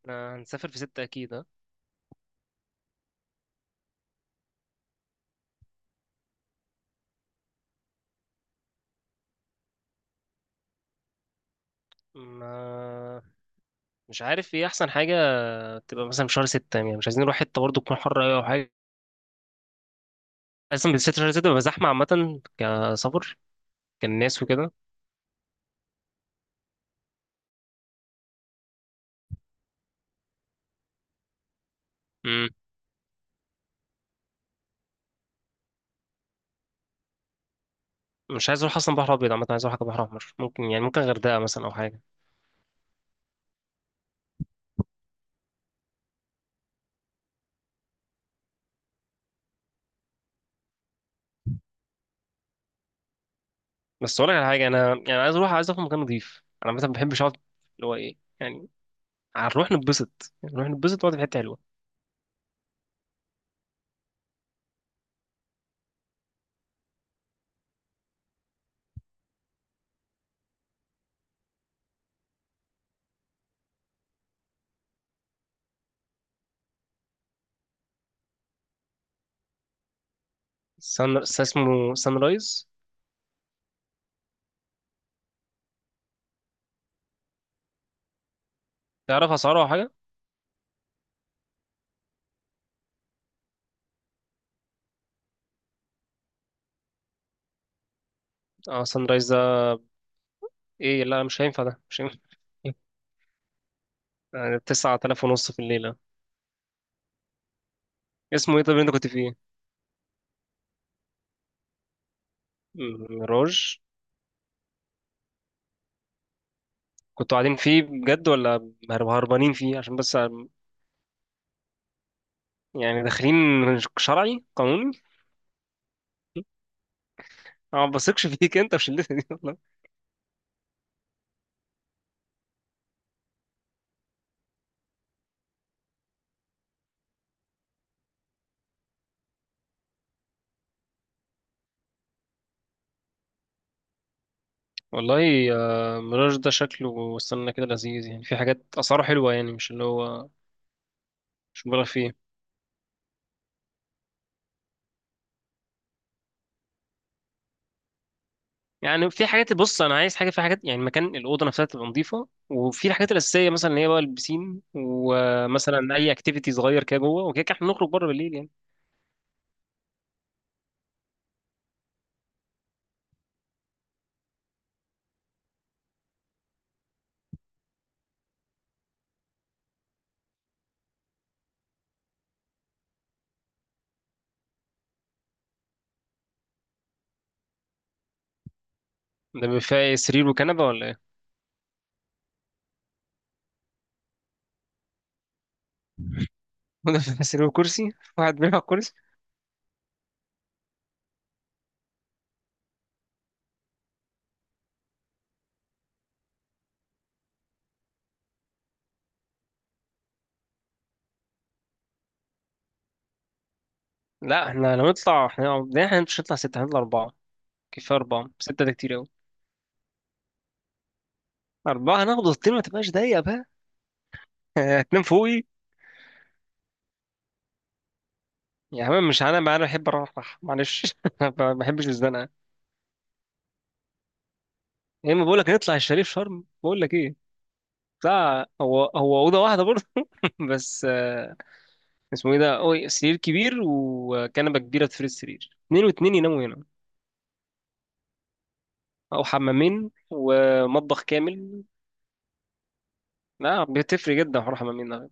احنا هنسافر في ستة أكيد ها. ما مش عارف ايه أحسن حاجة، تبقى مثلا في شهر 6، يعني مش عايزين نروح حتة برضه تكون حر أوي أو حاجة. أصلا بالذات شهر 6 بيبقى زحمة، عامة كسفر كالناس وكده. مم. مش عايز أروح أصلا بحر أبيض، عامة عايز أروح حاجة بحر أحمر، ممكن يعني ممكن غردقة مثلا أو حاجة. بس أقول لك على حاجة، أنا يعني عايز أروح، عايز أروح مكان نضيف، أنا مثلا ما بحبش أقعد اللي هو ايه يعني. هنروح نتبسط يعني، نروح نتبسط ونقعد في حتة حلوة. سان، اسمه سان رايز. تعرف أسعاره أو حاجة؟ اه سان رايز ده؟ ايه، لا مش هينفع ده، مش هينفع. يعني 9500 في الليلة. اسمه ايه طب اللي انت كنت فيه؟ ميراج. كنتوا قاعدين فيه بجد ولا هربانين فيه عشان بس؟ يعني داخلين شرعي قانوني؟ انا ما بثقش فيك انت في شلتك دي والله. والله آه، ميراج ده شكله استنى كده لذيذ يعني، في حاجات اسعاره حلوه يعني، مش اللي هو مش مبالغ فيه. يعني في حاجات، بص انا عايز حاجه، في حاجات يعني مكان الاوضه نفسها تبقى نظيفه، وفي الحاجات الاساسيه مثلا اللي هي بقى البسين، ومثلا اي اكتيفيتي صغير كده جوه، وكده كده احنا نخرج بره بالليل يعني. ده بيبقى فيها ايه، سرير وكنبة ولا ايه؟ وده فيها سرير وكرسي؟ واحد بيلعب كرسي؟ لا احنا لو نطلع، لا، احنا مش هنطلع ستة، هنطلع أربعة. كفاية أربعة، ستة ده كتير أوي. أربعة هناخد الطين ما تبقاش ضيقة بقى. هتنام فوقي. يا عم مش أنا بقى، أنا بحب أروح، معلش ما بحبش الزنقة. يا إما بقول لك نطلع الشريف شرم، بقول لك إيه بتاع، هو هو أوضة واحدة برضه، بس آه، اسمه إيه ده أوي، سرير كبير وكنبة كبيرة تفرد السرير، اتنين واتنين يناموا هنا، أو حمامين ومطبخ كامل. لا بتفرق جدا حوار حمامين ده.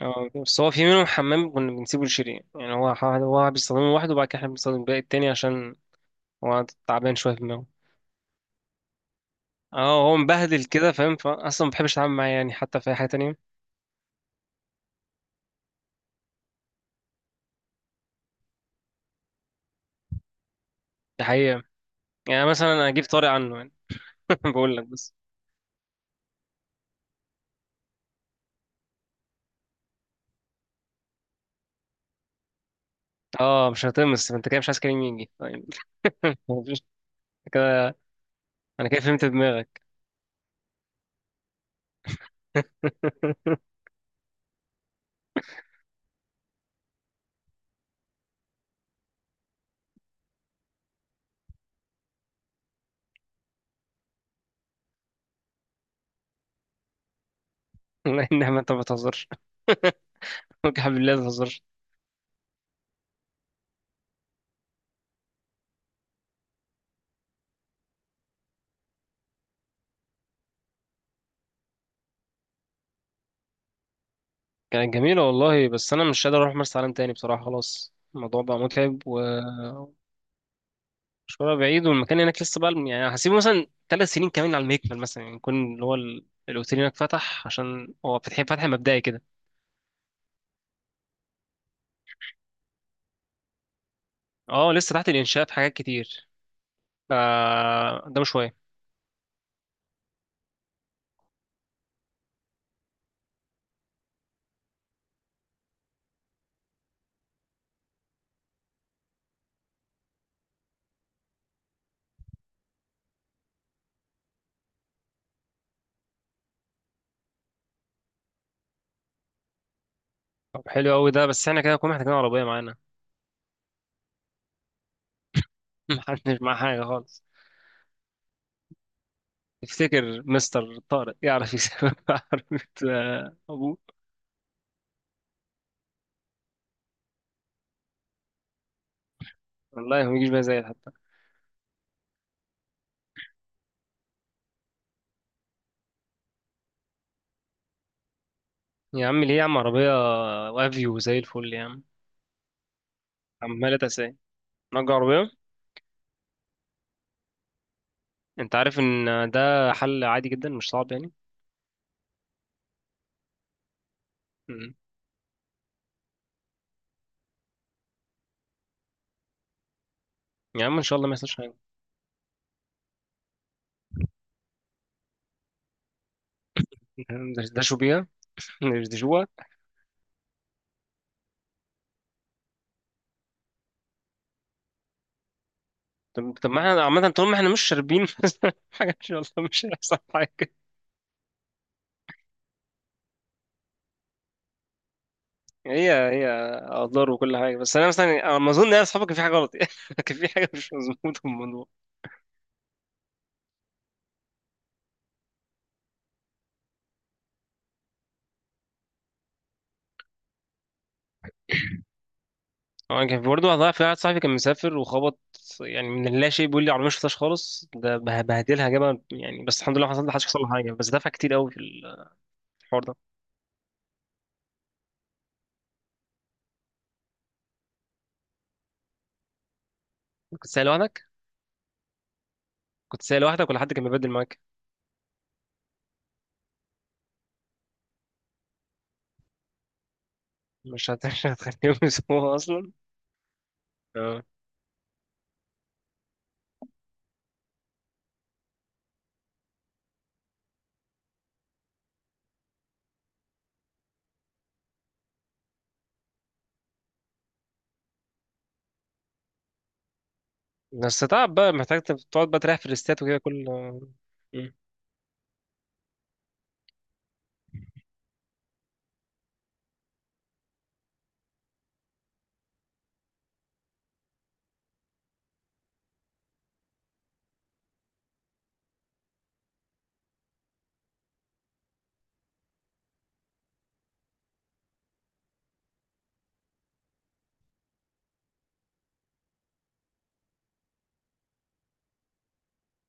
اه بس هو في منهم حمام كنا بنسيبه لشيرين يعني، هو هو بيستخدمه لوحده، وبعد كده احنا بنستخدم الباقي التاني، عشان هو تعبان شوية في دماغه. اه هو مبهدل كده فاهم، فأصلا ما بحبش أتعامل معاه يعني حتى في أي حاجة تانية. دي حقيقة. يعني مثلا أنا أجيب طارق عنه يعني، بقول لك بس. اه مش هتمس، فأنت كده مش عايز كريم يجي طيب؟ مفيش- كده، أنا كده فهمت دماغك. لا إنما أنت ما بتهزرش، ممكن بالله ما تهزرش. كانت جميلة والله، بس أنا مش قادر أروح مرسى علم تاني بصراحة، خلاص الموضوع بقى متعب ومشوارها بعيد، والمكان هناك لسه بقى يعني، هسيبه مثلا 3 سنين كمان على المكمل مثلا، يعني يكون اللي هو الأوتيل هناك فتح، عشان هو فتح فتح مبدئي كده. اه لسه تحت الإنشاء في حاجات كتير. ف قدامه شوية. طب حلو أوي ده، بس احنا كده كنا محتاجين عربية معانا. محدش معاه حاجة خالص. تفتكر مستر طارق يعرف يسافر عربية آه، أبوه؟ والله ما يجيش بقى زي حتى. يا عم ليه يا عم، عربية وافيو زي الفل يا عم، عمالة أساسية، نجار عربية. أنت عارف إن ده حل عادي جدا مش صعب يعني. مم. يا عم إن شاء الله ما يحصلش حاجة. دشوا بيها، دشوا. طب طب ما إحنا عامة طول ما إحنا مش شاربين حاجة، إن شاء الله مش هيحصل حاجة. هي هي أضرار وكل حاجة، بس أنا مثلا، أنا ما أظن إن أنا أصحابك كان في حاجة غلط يعني، كان في حاجة مش مظبوطة في الموضوع. هو كان في برضه في واحد صاحبي كان مسافر وخبط، يعني من لا شيء، بيقول لي عربية مش فتاش خالص، ده بهدلها جابها يعني، بس الحمد لله ما حدش حصل له حاجة، بس دفع كتير قوي في الحوار ده. كنت سايق لوحدك؟ كنت سايق لوحدك ولا حد كان بيبدل معاك؟ مش هت- مش هتخليهم يسمعوها اصلا. اه بس تعب بقى، محتاج تقعد بقى تريح في الريستات وكده كل. مم.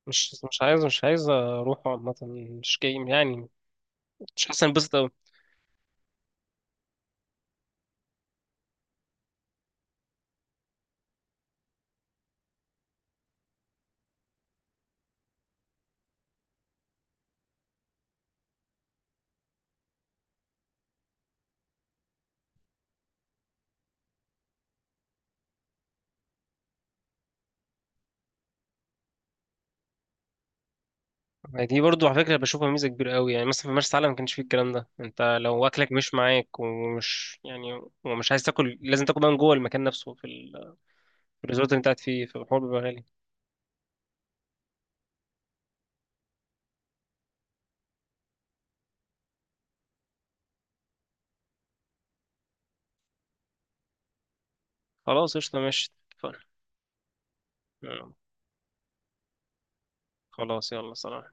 مش مش عايز، مش عايز اروح عامه، مش جاي يعني، مش حاسس انبسط قوي. دي برضو على فكره بشوفها ميزه كبيره قوي، يعني مثلا في مرسى علم ما كانش فيه الكلام ده، انت لو اكلك مش معاك، ومش يعني ومش عايز تاكل، لازم تاكل بقى من جوه المكان نفسه، في الريزورت اللي انت قاعد فيه، فالحوار بيبقى غالي. خلاص قشطه ماشي اتفقنا. آه. خلاص يلا سلام.